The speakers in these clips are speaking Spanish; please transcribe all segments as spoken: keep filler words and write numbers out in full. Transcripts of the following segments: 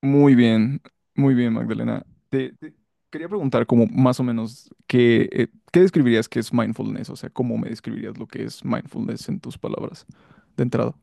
Muy bien, muy bien, Magdalena. Te, te quería preguntar como más o menos qué, eh, qué describirías que es mindfulness, o sea, cómo me describirías lo que es mindfulness en tus palabras de entrada.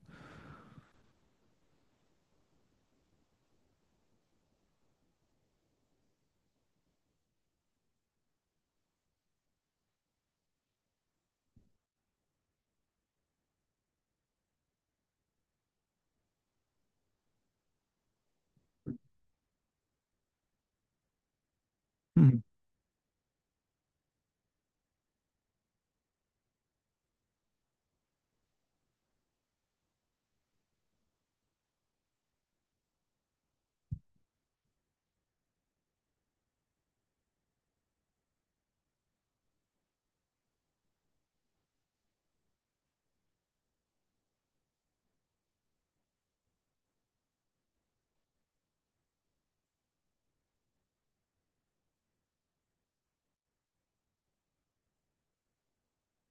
Ujú,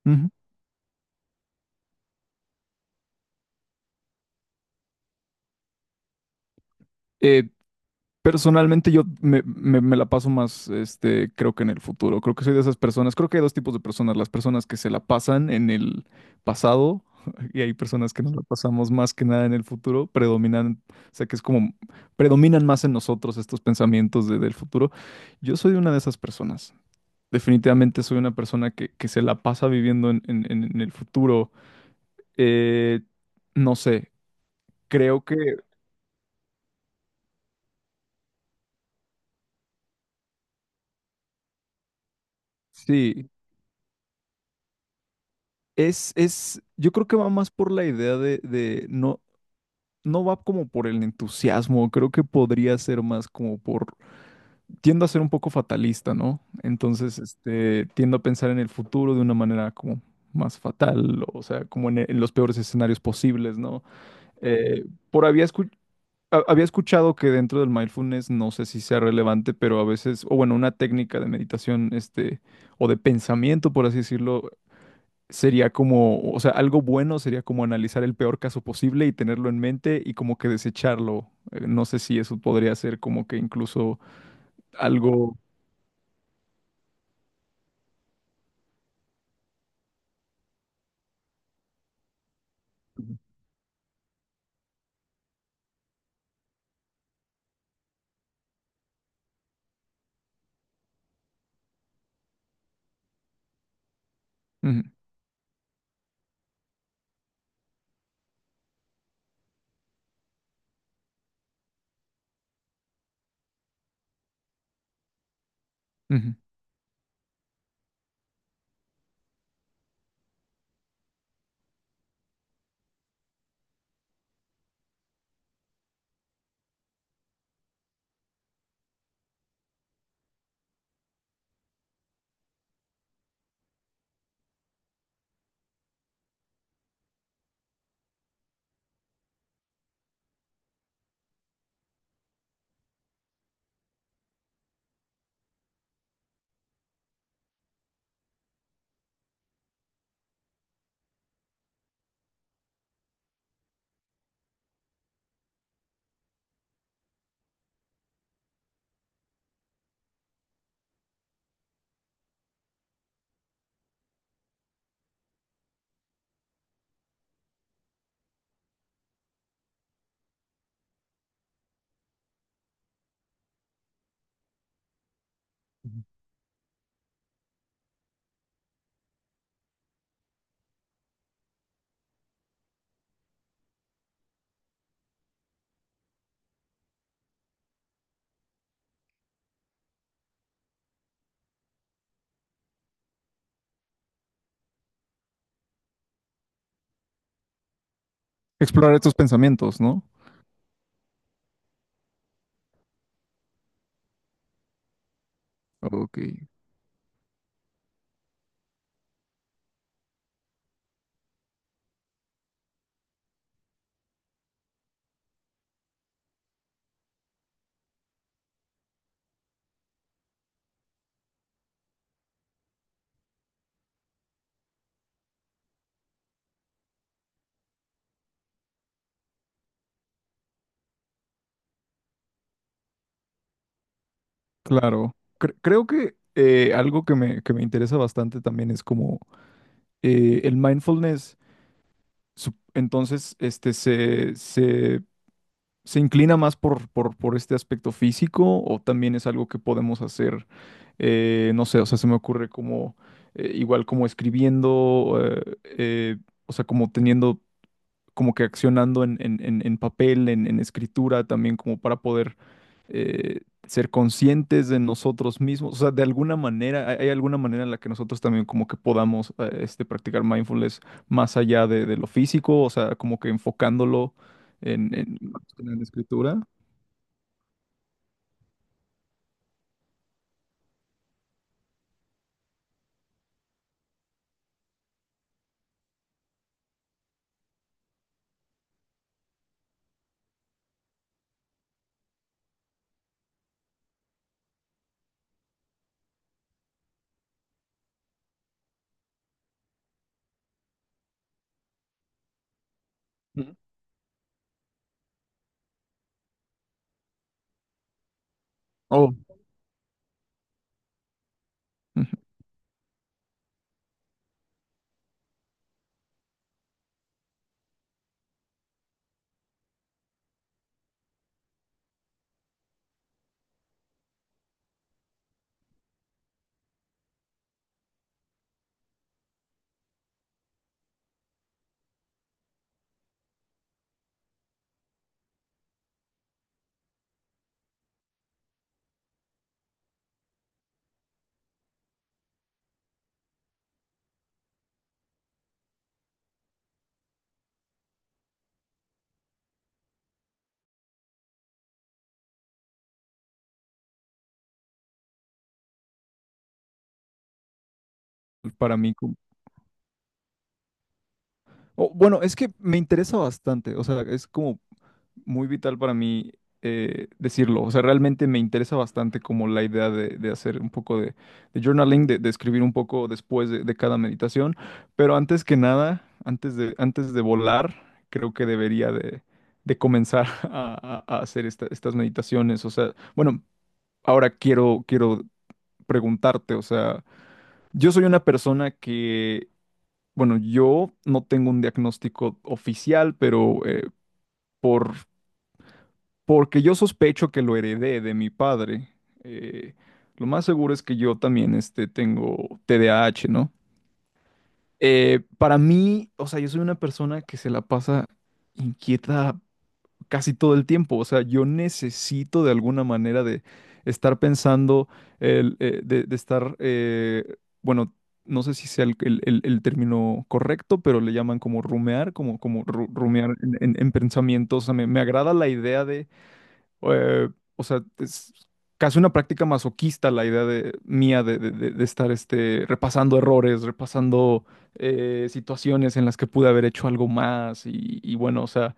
ujú. Eh, Personalmente yo me, me- me la paso más, este, creo que en el futuro. Creo que soy de esas personas. Creo que hay dos tipos de personas. Las personas que se la pasan en el pasado y hay personas que nos la pasamos más que nada en el futuro. Predominan, o sea, que es como, predominan más en nosotros estos pensamientos de- del futuro. Yo soy una de esas personas. Definitivamente soy una persona que, que se la pasa viviendo en, en- en- en el futuro. Eh, no sé, creo que sí. Es, es, yo creo que va más por la idea de, de no, no va como por el entusiasmo, creo que podría ser más como por, tiendo a ser un poco fatalista, ¿no? Entonces, este, tiendo a pensar en el futuro de una manera como más fatal, o sea, como en, e- en los peores escenarios posibles, ¿no? Eh, por había escu- ha- había escuchado que dentro del mindfulness, no sé si sea relevante, pero a veces, o bueno, una técnica de meditación, este, o de pensamiento, por así decirlo, sería como, o sea, algo bueno sería como analizar el peor caso posible y tenerlo en mente y como que desecharlo. Eh, No sé si eso podría ser como que incluso algo... Ujú, ujú, ujú. Explorar estos pensamientos, ¿no? Ok, claro. Cre- creo que eh, algo que me, que me interesa bastante también es como eh, el mindfulness. sup- Entonces, este se, se ¿se inclina más por, por, por este aspecto físico o también es algo que podemos hacer? eh, no sé, o sea, se me ocurre como, eh, igual como escribiendo, eh, eh, o sea, como teniendo como que accionando en, en- en- en papel, en, en escritura, también como para poder eh, ser conscientes de nosotros mismos. O sea, de alguna manera, hay, hay alguna manera en la que nosotros también como que podamos eh, este, practicar mindfulness más allá de, de lo físico, o sea, como que enfocándolo en, en, en la escritura. Ujú. Oh, ujú, para mí. O, bueno, es que me interesa bastante, o sea, es como muy vital para mí eh, decirlo, o sea, realmente me interesa bastante como la idea de, de hacer un poco de, de journaling, de, de escribir un poco después de, de cada meditación, pero antes que nada, antes de, antes de volar, creo que debería de, de comenzar a, a- a hacer esta- estas meditaciones, o sea, bueno, ahora quiero, quiero preguntarte, o sea, yo soy una persona que bueno, yo no tengo un diagnóstico oficial, pero eh, por, porque yo sospecho que lo heredé de mi padre, eh, lo más seguro es que yo también este, tengo T D A H, ¿no? Eh, para mí, o sea, yo soy una persona que se la pasa inquieta casi todo el tiempo. O sea, yo necesito de alguna manera de estar pensando, el, eh, de, de estar, eh, bueno, no sé si sea el, el- el- el término correcto, pero le llaman como rumear, como, como ru- rumear en, en- en pensamientos. O sea, me, me agrada la idea de, eh, o sea, es casi una práctica masoquista la idea de, mía de, de- de- de estar este, repasando errores, repasando... eh, situaciones en las que pude haber hecho algo más y y bueno, o sea,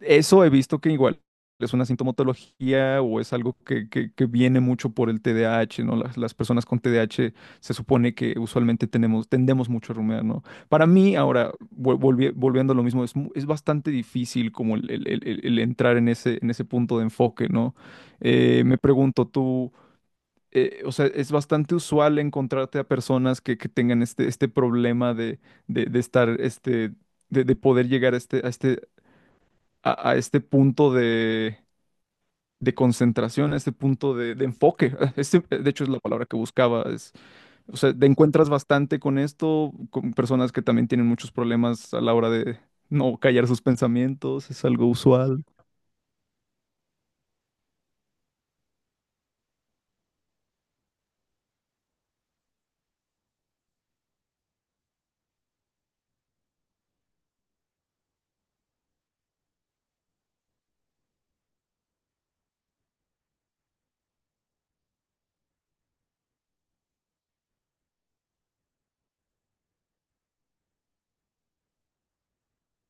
eso he visto que igual es una sintomatología o es algo que, que- que viene mucho por el T D A H, ¿no? Las, las personas con T D A H se supone que usualmente tenemos, tendemos mucho a rumiar, ¿no? Para mí, ahora, vol- volvi- volviendo a lo mismo, es, mu- es bastante difícil como el, el- el- el- el entrar en ese, en ese punto de enfoque, ¿no? Eh, me pregunto, tú, eh, o sea, es bastante usual encontrarte a personas que, que tengan este, este problema de, de, de estar, este de, de poder llegar a este, a este a, a este punto de, de concentración, a este punto de, de enfoque. Este, de hecho, es la palabra que buscaba. Es- o sea, te encuentras bastante con esto, con personas que también tienen muchos problemas a la hora de no callar sus pensamientos, es algo usual.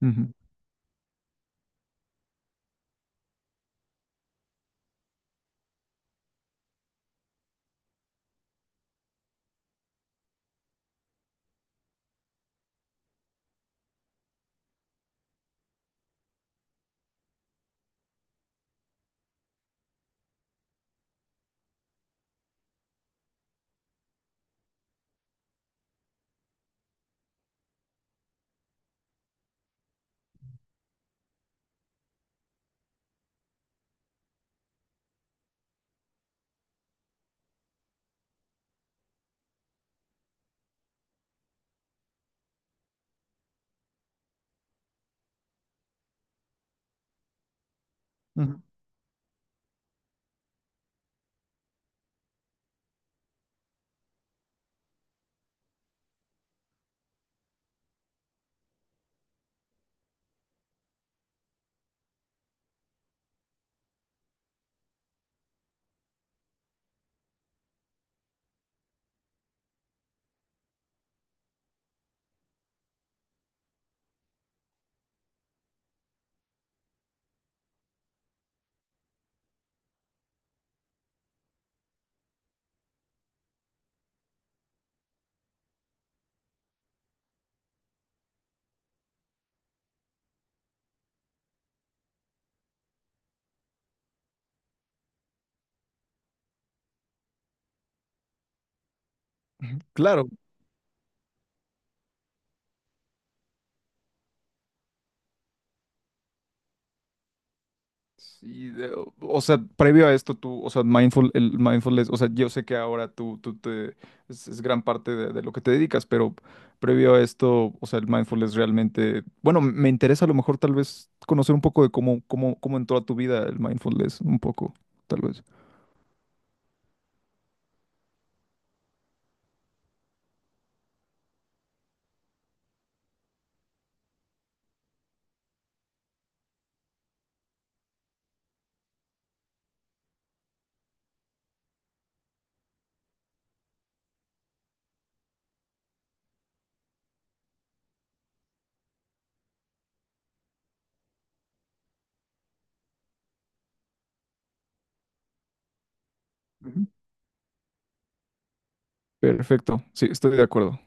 Ujú, ujú. Claro, sí, de- o o sea, previo a esto tú, o sea, mindful, el mindfulness, o sea, yo sé que ahora tú, tú te, es, es gran parte de, de lo que te dedicas, pero previo a esto, o sea, el mindfulness realmente, bueno, me interesa a lo mejor tal vez conocer un poco de cómo, cómo, cómo entró a tu vida el mindfulness, un poco, tal vez. Ujú. Perfecto, sí, estoy de acuerdo.